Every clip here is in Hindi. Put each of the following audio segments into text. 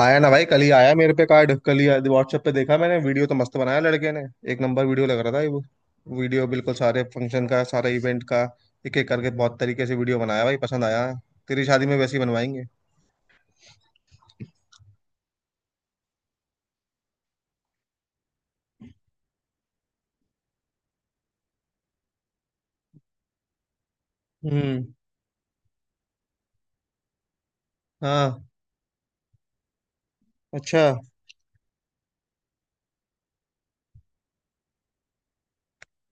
आया ना भाई, कल ही आया मेरे पे कार्ड। कल ही व्हाट्सएप पे देखा मैंने। वीडियो तो मस्त बनाया लड़के ने। एक नंबर वीडियो लग रहा था ये वो। वीडियो बिल्कुल सारे फंक्शन का, सारे इवेंट का। एक एक करके बहुत तरीके से वीडियो बनाया भाई, पसंद आया। तेरी शादी में वैसे ही बनवाएंगे। हम्म। हाँ। अच्छा।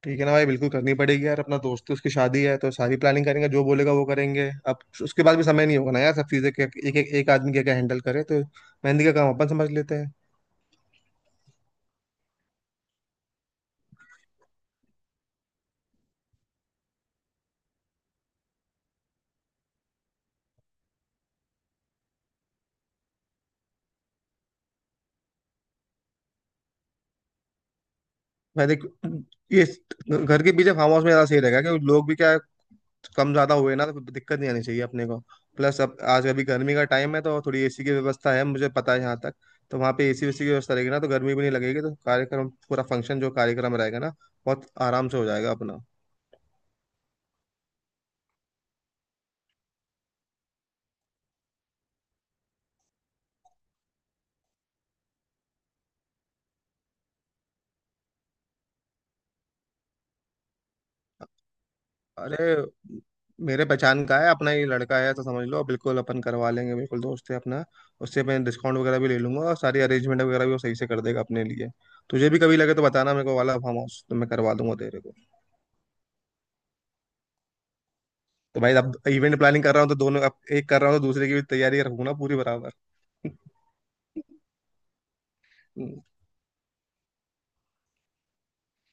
ठीक है ना भाई, बिल्कुल करनी पड़ेगी यार, अपना दोस्त है, उसकी शादी है तो सारी प्लानिंग करेंगे। जो बोलेगा वो करेंगे। अब उसके बाद भी समय नहीं होगा ना यार, सब चीजें एक एक एक आदमी क्या क्या हैंडल करे तो। मेहंदी का काम अपन समझ लेते हैं। मैं देख, ये घर के पीछे फार्म हाउस में ज्यादा सही रहेगा, क्योंकि लोग भी क्या है, कम ज्यादा हुए ना तो कोई दिक्कत नहीं आनी चाहिए अपने को। प्लस अब आज अभी गर्मी का टाइम है, तो थोड़ी एसी की व्यवस्था है मुझे पता है यहाँ तक। तो वहाँ पे एसी वेसी की व्यवस्था रहेगी ना, तो गर्मी भी नहीं लगेगी। तो कार्यक्रम पूरा फंक्शन जो कार्यक्रम रहेगा ना, बहुत आराम से हो जाएगा अपना। अरे, मेरे पहचान का है, अपना ही लड़का है तो समझ लो, बिल्कुल अपन करवा लेंगे, बिल्कुल दोस्त है अपना। उससे मैं डिस्काउंट वगैरह भी ले लूंगा, और सारी अरेंजमेंट वगैरह भी वो सही से कर देगा अपने लिए। तुझे भी कभी लगे तो बताना मेरे को, वाला फार्म हाउस तो मैं करवा दूंगा तेरे को। तो भाई अब इवेंट प्लानिंग कर रहा हूँ, तो दोनों, अब एक कर रहा हूँ तो दूसरे की भी तैयारी रखूंगा ना पूरी बराबर। हम्म,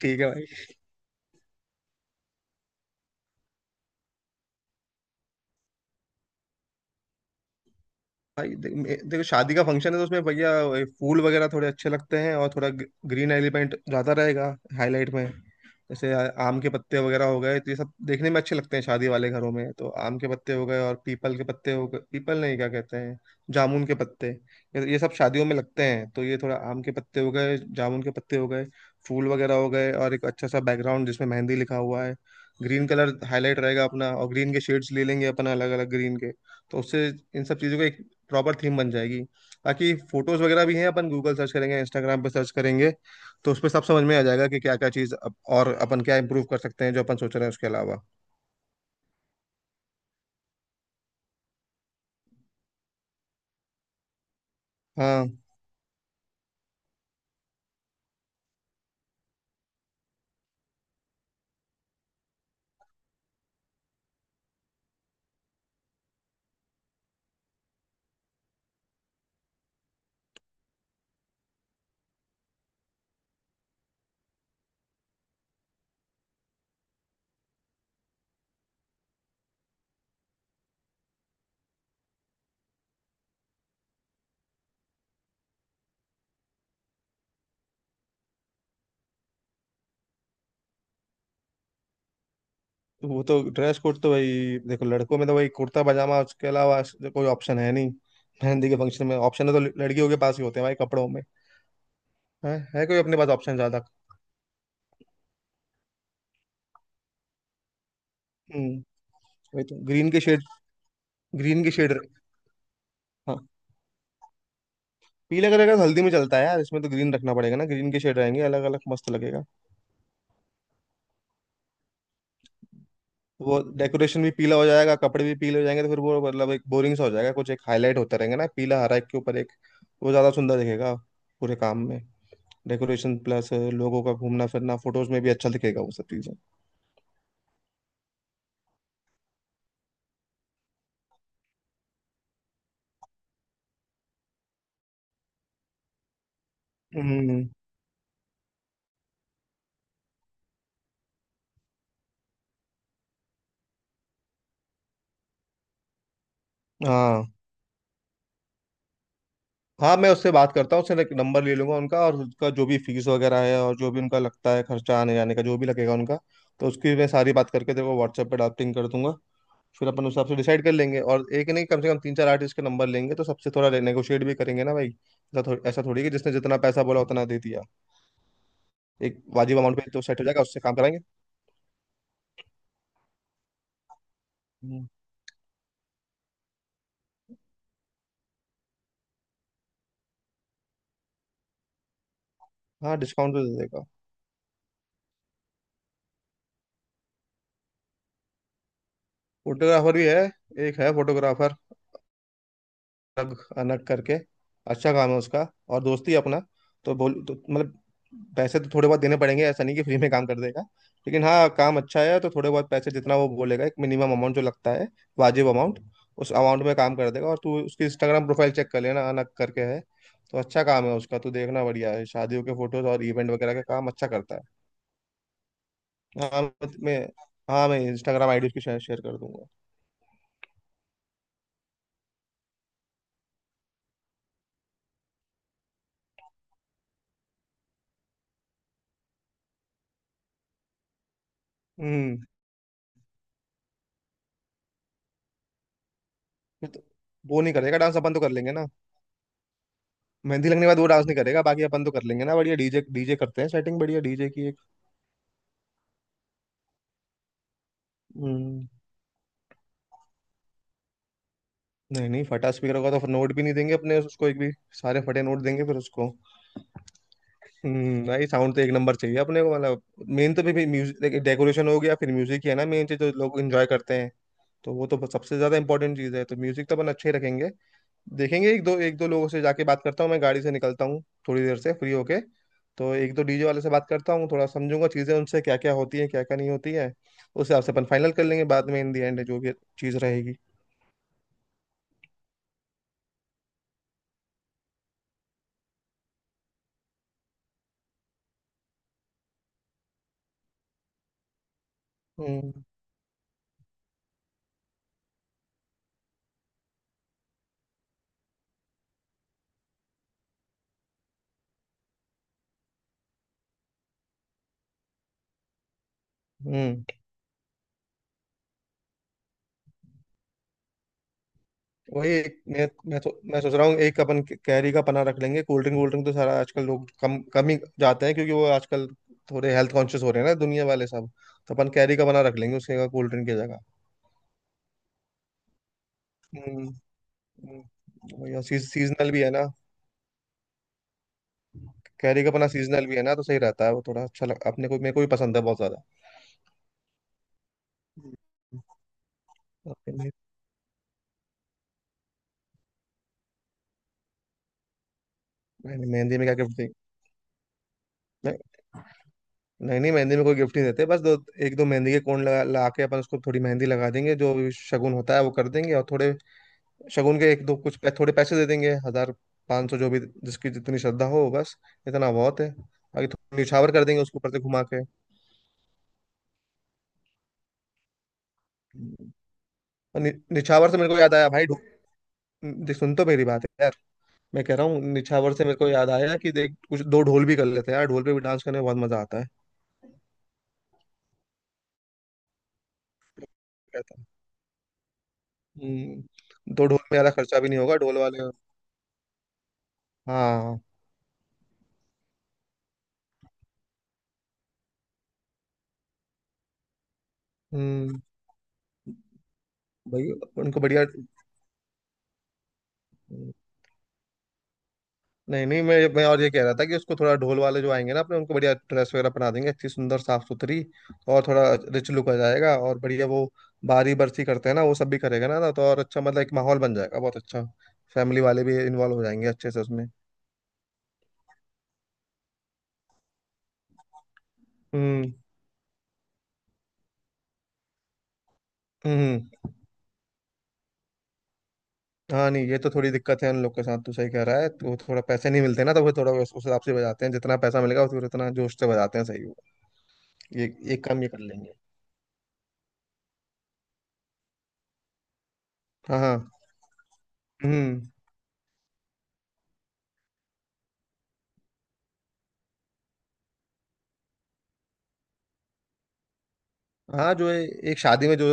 ठीक है भाई। भाई, देखो शादी का फंक्शन है तो उसमें भैया वही फूल वगैरह थोड़े अच्छे लगते हैं, और थोड़ा ग्रीन एलिमेंट ज्यादा रहेगा हाईलाइट में। जैसे आम के पत्ते वगैरह हो गए, तो ये सब देखने में अच्छे लगते हैं शादी वाले घरों में। तो आम के पत्ते हो गए और पीपल के पत्ते हो गए, पीपल नहीं क्या कहते हैं, जामुन के पत्ते। ये सब शादियों में लगते हैं, तो ये थोड़ा आम के पत्ते हो गए, जामुन के पत्ते हो गए, फूल वगैरह हो गए। और एक अच्छा सा बैकग्राउंड जिसमें मेहंदी लिखा हुआ है। ग्रीन कलर हाईलाइट रहेगा अपना, और ग्रीन के शेड्स ले लेंगे अपना, अलग अलग ग्रीन के। तो उससे इन सब चीज़ों का एक प्रॉपर थीम बन जाएगी। बाकी फोटोज वगैरह भी हैं, अपन गूगल सर्च करेंगे, इंस्टाग्राम पे सर्च करेंगे। तो उस पर सब समझ में आ जाएगा कि क्या क्या चीज़ और अपन क्या इम्प्रूव कर सकते हैं, जो अपन सोच रहे हैं उसके अलावा। हाँ, तो वो तो ड्रेस कोड तो भाई देखो, लड़कों में तो भाई कुर्ता पजामा, उसके अलावा ऐसे कोई ऑप्शन है नहीं। मेहंदी के फंक्शन में ऑप्शन है तो लड़कियों के पास ही होते हैं भाई कपड़ों में। है कोई अपने पास ऑप्शन ज्यादा। हम्म, वही तो ग्रीन के शेड, ग्रीन के शेड। हाँ, पीले कलर का तो हल्दी में चलता है यार, इसमें तो ग्रीन रखना पड़ेगा ना, ग्रीन के शेड रहेंगे अलग अलग, मस्त लगेगा। वो डेकोरेशन भी पीला हो जाएगा, कपड़े भी पीले हो जाएंगे, तो फिर वो मतलब एक बोरिंग सा हो जाएगा। कुछ एक हाईलाइट होता रहेंगे ना, पीला हरा, एक के ऊपर एक, वो ज्यादा सुंदर दिखेगा पूरे काम में, डेकोरेशन प्लस लोगों का घूमना फिरना, फोटोज में भी अच्छा दिखेगा वो सब चीजें। हम्म। हाँ, हाँ, मैं उससे बात करता हूँ, उससे नंबर ले लूंगा उनका, और उसका जो भी फीस वगैरह है, और जो भी उनका लगता है खर्चा आने जाने का जो भी लगेगा उनका। तो उसकी मैं सारी बात करके तेरे को व्हाट्सएप पे ड्राफ्टिंग कर दूंगा। फिर अपन उस हिसाब से डिसाइड कर लेंगे, और एक नहीं, कम से कम तीन चार आर्टिस्ट के नंबर लेंगे, तो सबसे थोड़ा नेगोशिएट भी करेंगे ना भाई, ऐसा थोड़ी कि जिसने जितना पैसा बोला उतना दे दिया। एक वाजिब अमाउंट पे तो सेट हो जाएगा, उससे काम कराएंगे। हम्म। हाँ, डिस्काउंट तो दे देगा। फोटोग्राफर भी है, एक है फोटोग्राफर, अलग अलग करके अच्छा काम है उसका, और दोस्ती अपना। तो बोल तो, मतलब पैसे तो थोड़े बहुत देने पड़ेंगे, ऐसा नहीं कि फ्री में काम कर देगा। लेकिन हाँ, काम अच्छा है तो थोड़े बहुत पैसे जितना वो बोलेगा, एक मिनिमम अमाउंट जो लगता है, वाजिब अमाउंट, उस अमाउंट में काम कर देगा। और तू उसकी इंस्टाग्राम प्रोफाइल चेक कर लेना, अनक करके है, तो अच्छा काम है उसका। तू देखना, बढ़िया है, शादियों के फोटोज और इवेंट वगैरह का काम अच्छा करता है। हाँ, हाँ मैं इंस्टाग्राम आईडी उसकी शेयर शेयर कर दूंगा। हम्म। तो वो नहीं करेगा डांस, अपन तो कर लेंगे ना। मेहंदी लगने के बाद वो डांस नहीं करेगा, बाकी अपन तो कर लेंगे ना, बढ़िया डीजे, डीजे करते हैं सेटिंग बढ़िया डीजे की एक। हम्म, नहीं, नहीं, फटा स्पीकर होगा तो फिर नोट भी नहीं देंगे अपने उसको एक भी, सारे फटे नोट देंगे फिर उसको। हम्म, भाई साउंड तो एक नंबर चाहिए अपने को, मतलब। मेन तो भी म्यूजिक, डेकोरेशन हो गया, फिर म्यूजिक ही है ना मेन चीज जो लोग एंजॉय करते हैं। तो वो तो सबसे ज्यादा इंपॉर्टेंट चीज है, तो म्यूजिक तो अपन अच्छे ही रखेंगे। देखेंगे, एक दो लोगों से जाके बात करता हूँ, मैं गाड़ी से निकलता हूँ थोड़ी देर से फ्री होके। तो एक दो डीजे वाले से बात करता हूँ, थोड़ा समझूंगा चीज़ें उनसे, क्या क्या होती है, क्या क्या नहीं होती है। उस हिसाब से अपन फाइनल कर लेंगे बाद में, इन दी एंड जो भी चीज़ रहेगी। हम्म हम्म वही एक सो, मैं सोच रहा हूँ एक अपन कैरी का पना रख लेंगे, कोल्ड ड्रिंक वोल्ड ड्रिंक तो सारा आजकल लोग कम कम ही जाते हैं, क्योंकि वो आजकल थोड़े हेल्थ कॉन्शियस हो रहे हैं ना दुनिया वाले सब। तो अपन कैरी का पना रख लेंगे उसके जगह, कोल्ड ड्रिंक की जगह। हम्म। हम्म, वही, और सीजनल भी है ना। कैरी का अपना सीजनल भी है ना, तो सही रहता है वो, थोड़ा अच्छा लग अपने को, मेरे को भी पसंद है बहुत ज्यादा। हम्म। अपने- मैंने मेहंदी में क्या गिफ्ट दी? नहीं। नहीं, नहीं, मेहंदी में कोई गिफ्ट नहीं देते, बस, दो एक दो मेहंदी के कोण लगा ला के अपन उसको थोड़ी मेहंदी लगा देंगे, जो भी शगुन होता है वो कर देंगे, और थोड़े शगुन के एक दो कुछ थोड़े पैसे दे देंगे, 1,000, 500, जो भी, जिसकी जितनी श्रद्धा हो बस, इतना बहुत है। बाकी थोड़ा निछावर कर देंगे उसके ऊपर से घुमा के। और निछावर से मेरे को याद आया भाई, देख सुन तो मेरी बात। मैं कह रहा हूँ, निछावर से मेरे को याद आया कि देख, कुछ दो ढोल भी कर लेते हैं यार, ढोल पे भी डांस करने में बहुत मजा आता है। कहता हूँ। दो ढोल में ज्यादा खर्चा भी नहीं होगा, ढोल वाले। हाँ। हम्म, भाई उनको बढ़िया। नहीं, नहीं, मैं और ये कह रहा था कि उसको थोड़ा ढोल वाले जो आएंगे ना अपने उनको बढ़िया ड्रेस वगैरह पहना देंगे, अच्छी सुंदर साफ सुथरी। और थोड़ा रिच लुक आ जाएगा, और बढ़िया वो बारी बरसी करते हैं ना, वो सब भी करेगा ना, तो और अच्छा, मतलब एक माहौल बन जाएगा बहुत अच्छा। फैमिली वाले भी इन्वॉल्व हो जाएंगे अच्छे से उसमें। हम्म। हम्म। हाँ, नहीं, ये तो थोड़ी दिक्कत है उन लोग के साथ, तू सही कह रहा है, तो थोड़ा पैसे नहीं मिलते ना, तो वो थोड़ा उस हिसाब से बजाते हैं, जितना पैसा मिलेगा फिर उतना जोश से बजाते हैं सही वो। ये, एक काम ये कर लेंगे। हाँ, हाँ। हम्म। हाँ, जो एक शादी में जो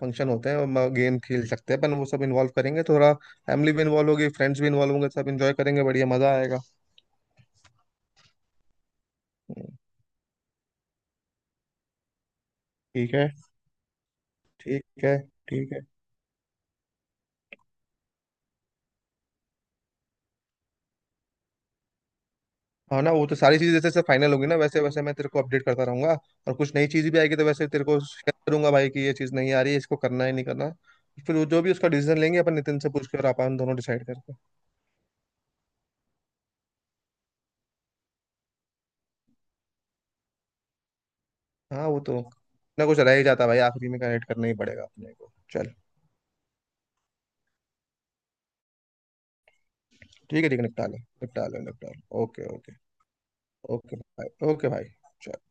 फंक्शन होते हैं वो गेम खेल सकते हैं अपन, वो सब इन्वॉल्व करेंगे थोड़ा। फैमिली भी इन्वॉल्व होगी, फ्रेंड्स भी इन्वॉल्व होंगे, सब इन्जॉय करेंगे, बढ़िया मजा आएगा। हम्म, ठीक है, ठीक है, ठीक है। हाँ ना, वो तो सारी चीजें जैसे जैसे फाइनल होगी ना वैसे वैसे मैं तेरे को अपडेट करता रहूंगा। और कुछ नई चीज भी आएगी तो वैसे तेरे को शेयर करूंगा भाई कि ये चीज नहीं आ रही है, इसको करना है नहीं करना। फिर वो जो भी उसका डिसीजन लेंगे अपन, नितिन से पूछ के, और अपन दोनों डिसाइड करके। हाँ, वो तो ना कुछ रह ही जाता भाई, आखिरी में कनेक्ट करना ही पड़ेगा अपने को। चल। ठीक है, ठीक है, निपटा ले, निपटा ले, निपटा ले। Okay, okay. ओके भाई, ओके भाई। चल।